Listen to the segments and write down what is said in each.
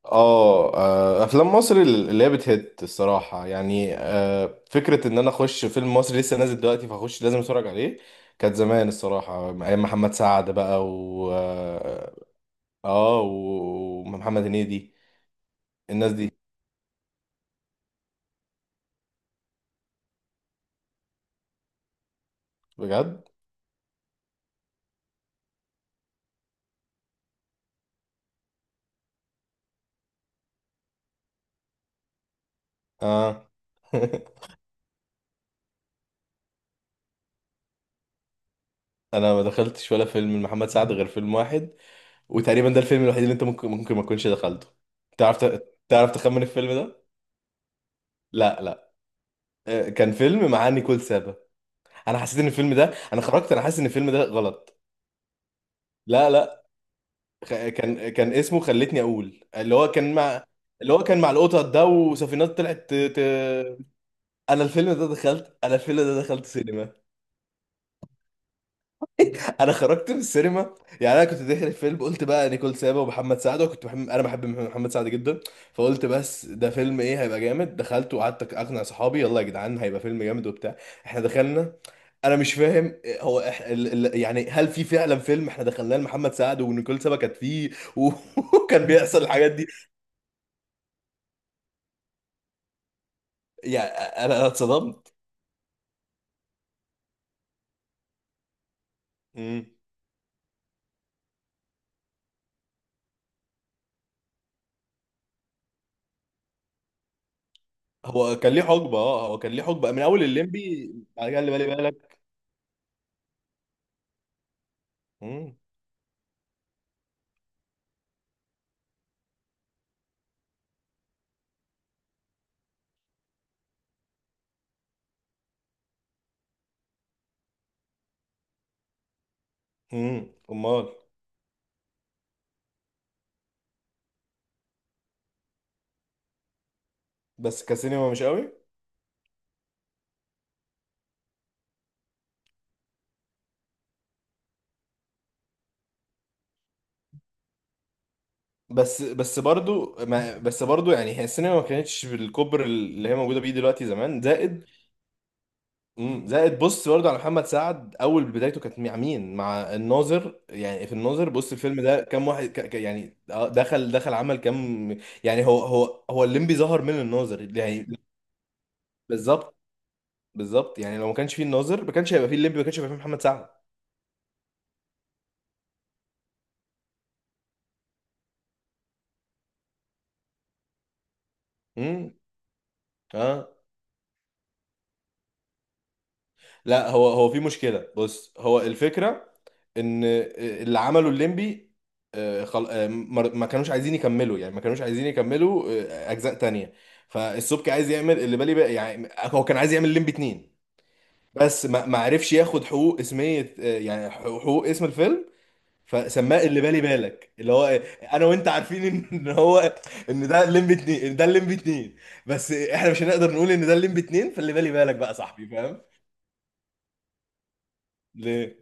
افلام مصر اللي هي بتهت الصراحه يعني، فكره ان انا اخش فيلم مصري لسه نازل دلوقتي فاخش لازم اتفرج عليه. كانت زمان الصراحه ايام محمد سعد بقى، و اه آه، و- ومحمد هنيدي الناس دي. بجد؟ اه. انا ما دخلتش ولا فيلم لمحمد سعد غير فيلم واحد، وتقريبا ده الفيلم الوحيد اللي انت ممكن ما تكونش دخلته. تعرف تعرف تخمن الفيلم ده؟ لا لا. كان فيلم مع نيكول سابا. انا حسيت ان الفيلم ده، انا خرجت، انا حاسس ان الفيلم ده غلط. لا لا. كان اسمه خلتني اقول، اللي هو كان مع، اللي هو كان مع القطط ده وسفينات طلعت انا الفيلم ده دخلت، انا الفيلم ده دخلت سينما. انا خرجت من السينما. يعني انا كنت داخل الفيلم قلت بقى نيكول سابا ومحمد سعد، وكنت بحب، انا بحب محمد سعد جدا، فقلت بس ده فيلم ايه، هيبقى جامد. دخلت وقعدت اقنع صحابي يلا يا جدعان هيبقى فيلم جامد وبتاع. احنا دخلنا. انا مش فاهم. هو يعني هل في فعلا فيلم احنا دخلناه لمحمد سعد ونيكول سابا كانت فيه؟ و- وكان بيحصل الحاجات دي. يعني أنا اتصدمت. مم. هو كان ليه حقبه، اه هو كان ليه حقبه من اول الليمبي على اللي بالي بالك. مم. مم. امال. بس كسينما مش قوي. بس بس برضو، ما بس برضو، يعني هي السينما ما كانتش بالكبر اللي هي موجوده بيه دلوقتي زمان. زائد، مم، زائد بص برضو، على محمد سعد اول بدايته كانت مع مين؟ مع الناظر. يعني في الناظر بص، الفيلم ده كام واحد يعني، دخل عمل كام. يعني هو الليمبي ظهر من الناظر يعني. بالظبط. بالظبط، يعني لو ما كانش فيه الناظر ما كانش هيبقى فيه الليمبي، ما كانش هيبقى فيه محمد سعد. امم. اه. لا هو، هو في مشكله بص، هو الفكره ان اللي عمله الليمبي، آه، خل... آه، ما كانوش عايزين يكملوا، يعني ما كانوش عايزين يكملوا اجزاء تانية. فالسبكي عايز يعمل اللي بالي بقى، يعني هو كان عايز يعمل الليمبي اتنين، بس ما عرفش ياخد حقوق اسمية، يعني حقوق اسم الفيلم. فسماه اللي بالي بالك، اللي هو انا وانت عارفين إن هو، ان ده الليمبي اتنين، إن ده الليمبي اتنين، بس احنا مش هنقدر نقول ان ده الليمبي اتنين، فاللي بالي بالك بقى يا صاحبي، فاهم؟ ليه؟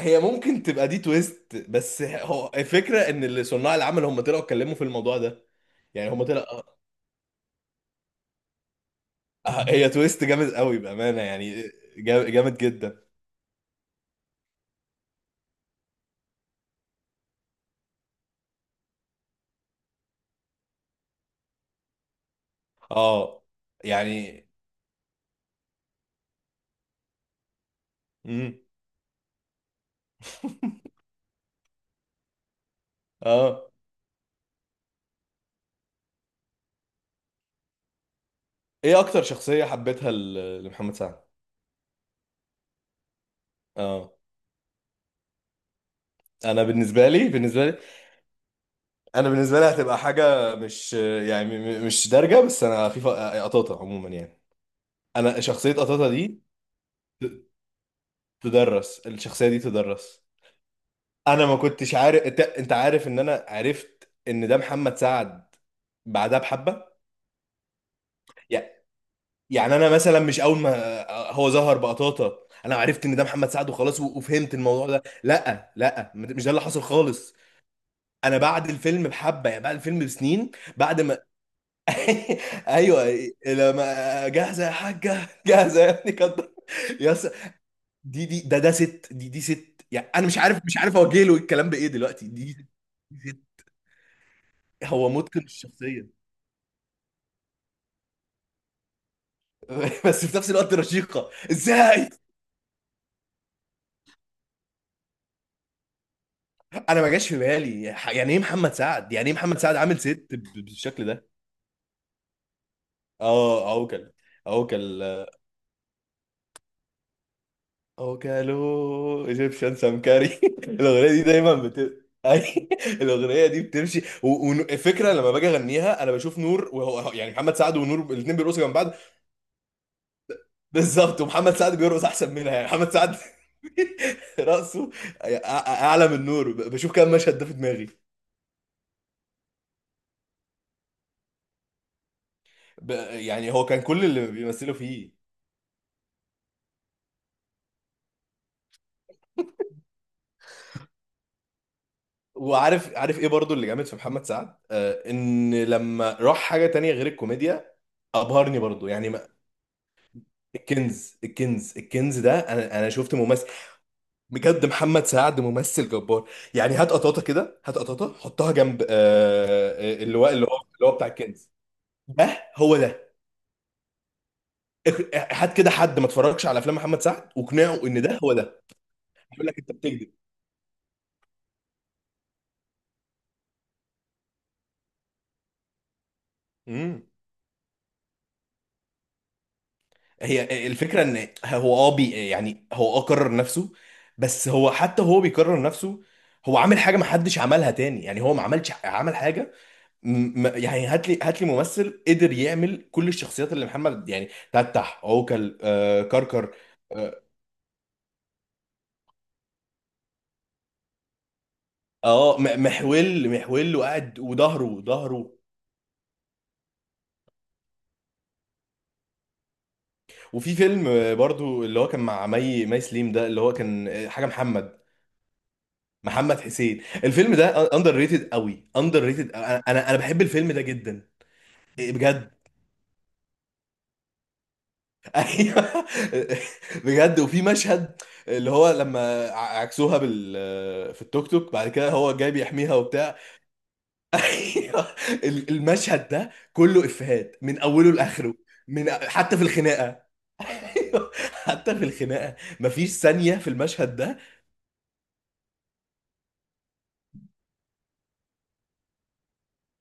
هي ممكن تبقى دي تويست، بس هو الفكره ان اللي صناع العمل هم طلعوا اتكلموا في الموضوع ده. يعني هم طلعوا، هي تويست جامد قوي بامانه يعني. جامد جدا. اه. يعني. امم. اه. ايه اكتر شخصيه حبيتها ل- لمحمد سعد؟ اه. انا بالنسبه لي، بالنسبه لي، انا بالنسبه لي هتبقى حاجه مش يعني مش دارجه، بس انا في قطاطه عموما يعني. انا شخصيه قطاطه دي، ت- تدرس الشخصيه دي تدرس. انا ما كنتش عارف، أنت عارف ان انا عرفت ان ده محمد سعد بعدها بحبه. يع- يعني انا مثلا مش اول ما هو ظهر بقطاطا انا عرفت ان ده محمد سعد وخلاص، وفهمت الموضوع ده، لا لا مش ده اللي حصل خالص. انا بعد الفيلم بحبه، يعني بعد الفيلم بسنين. بعد ما. ايوه. لما جاهزه يا حاجه جاهزه يا ابني كده. يا س- دي دي ده ده ست، دي ست، يعني انا مش عارف، مش عارف اوجه له الكلام بايه دلوقتي، دي ست. هو متقن الشخصيه. بس في نفس الوقت رشيقه ازاي. انا ما جاش في بالي يعني ايه محمد سعد، يعني ايه محمد سعد عامل ست بالشكل ده. اه اوكل. اوكل. اوكلو ايجيبشن سمكري. الاغنيه دي دايما الاغنيه دي بتمشي، وفكره لما باجي اغنيها انا بشوف نور وهو، يعني محمد سعد ونور الاثنين بيرقصوا جنب بعض. بالظبط، ومحمد سعد بيرقص احسن منها، يعني محمد سعد رقصه أع- اعلى من نور بشوف كام مشهد ده في دماغي. ب... يعني هو كان كل اللي بيمثله فيه. وعارف، عارف ايه برضو اللي جامد في محمد سعد؟ آه، ان لما راح حاجة تانية غير الكوميديا ابهرني برضو، يعني ما... الكنز، الكنز ده، انا شفت ممثل بجد، محمد سعد ممثل جبار. يعني هات قطاطة كده، هات قطاطة حطها جنب، اللي هو بتاع الكنز. ده هو ده. اخ- هات كده حد ما اتفرجش على افلام محمد سعد واقنعه ان ده هو ده، يقول لك انت بتكذب. مم. هي الفكرة ان هو اه بي، يعني هو اه كرر نفسه، بس هو حتى هو بيكرر نفسه. هو عامل حاجة ما حدش عملها تاني، يعني هو ما عملش، عمل حاجة يعني هات لي، هات لي ممثل قدر يعمل كل الشخصيات اللي محمد، يعني تتح، عوكل، آه كركر. اه. محول وقاعد، وظهره. وفي فيلم برضو اللي هو كان مع مي سليم ده، اللي هو كان حاجة محمد، محمد حسين. الفيلم ده اندر ريتد قوي، اندر ريتد، انا انا أنا بحب الفيلم ده جدا. إيه بجد؟ ايوه بجد. وفي مشهد اللي هو لما عكسوها بال، في التوك توك بعد كده هو جاي بيحميها وبتاع. ايوه. المشهد ده كله افيهات من اوله لاخره. من حتى في الخناقه. أيوة، حتى في الخناقه مفيش ثانيه في المشهد ده.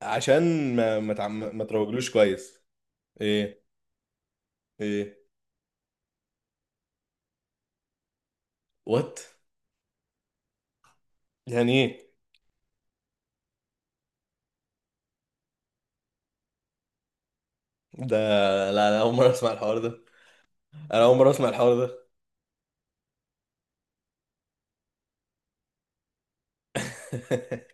عشان ما تروجلوش كويس. ايه؟ ايه؟ وات؟ يعني ايه ده؟ لا، انا اول مره اسمع الحوار ده. انا اول مره اسمع الحوار ده.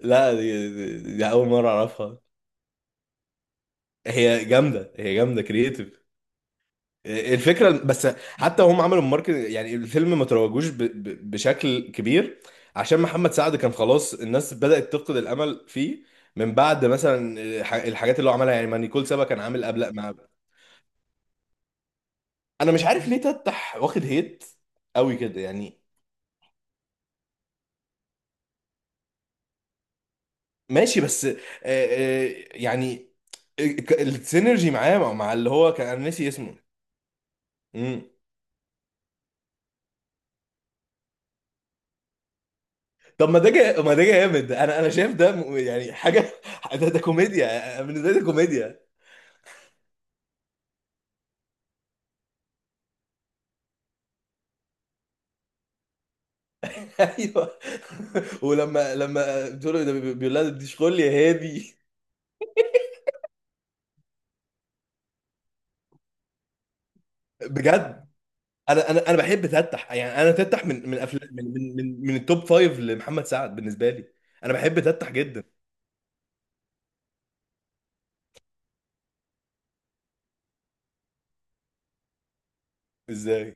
لا دي اول مره اعرفها. هي جامده كرييتيف. الفكره بس حتى هم عملوا الماركت، يعني الفيلم ما تروجوش بشكل كبير، عشان محمد سعد كان خلاص الناس بدات تفقد الامل فيه من بعد مثلا الحاجات اللي هو عملها، يعني ما نيكول سابا كان عامل قبل مع. انا مش عارف ليه تفتح واخد هيت قوي كده يعني. ماشي بس، يعني، السينرجي معاه، مع مع اللي هو كان، انا ناسي اسمه. مم. طب ما ده ما ده جامد، انا شايف ده يعني حاجه، ده ده كوميديا، بالنسبه لي ده كوميديا. ايوه. ولما، لما بتقول له ده بيقول لها دي شغل يا هادي. بجد؟ انا بحب تتح، يعني انا تتح من من افلام من التوب فايف لمحمد سعد بالنسبه لي. انا بحب تتح جدا. ازاي؟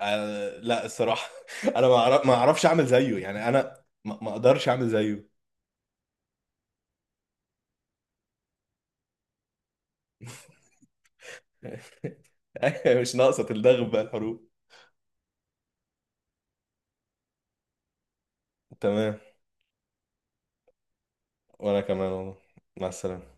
أنا لا الصراحة، أنا ما أعرفش أعمل زيه، يعني أنا ما أقدرش أعمل زيه. مش ناقصة تلدغ بقى الحروب. تمام. وأنا كمان والله. مع السلامة.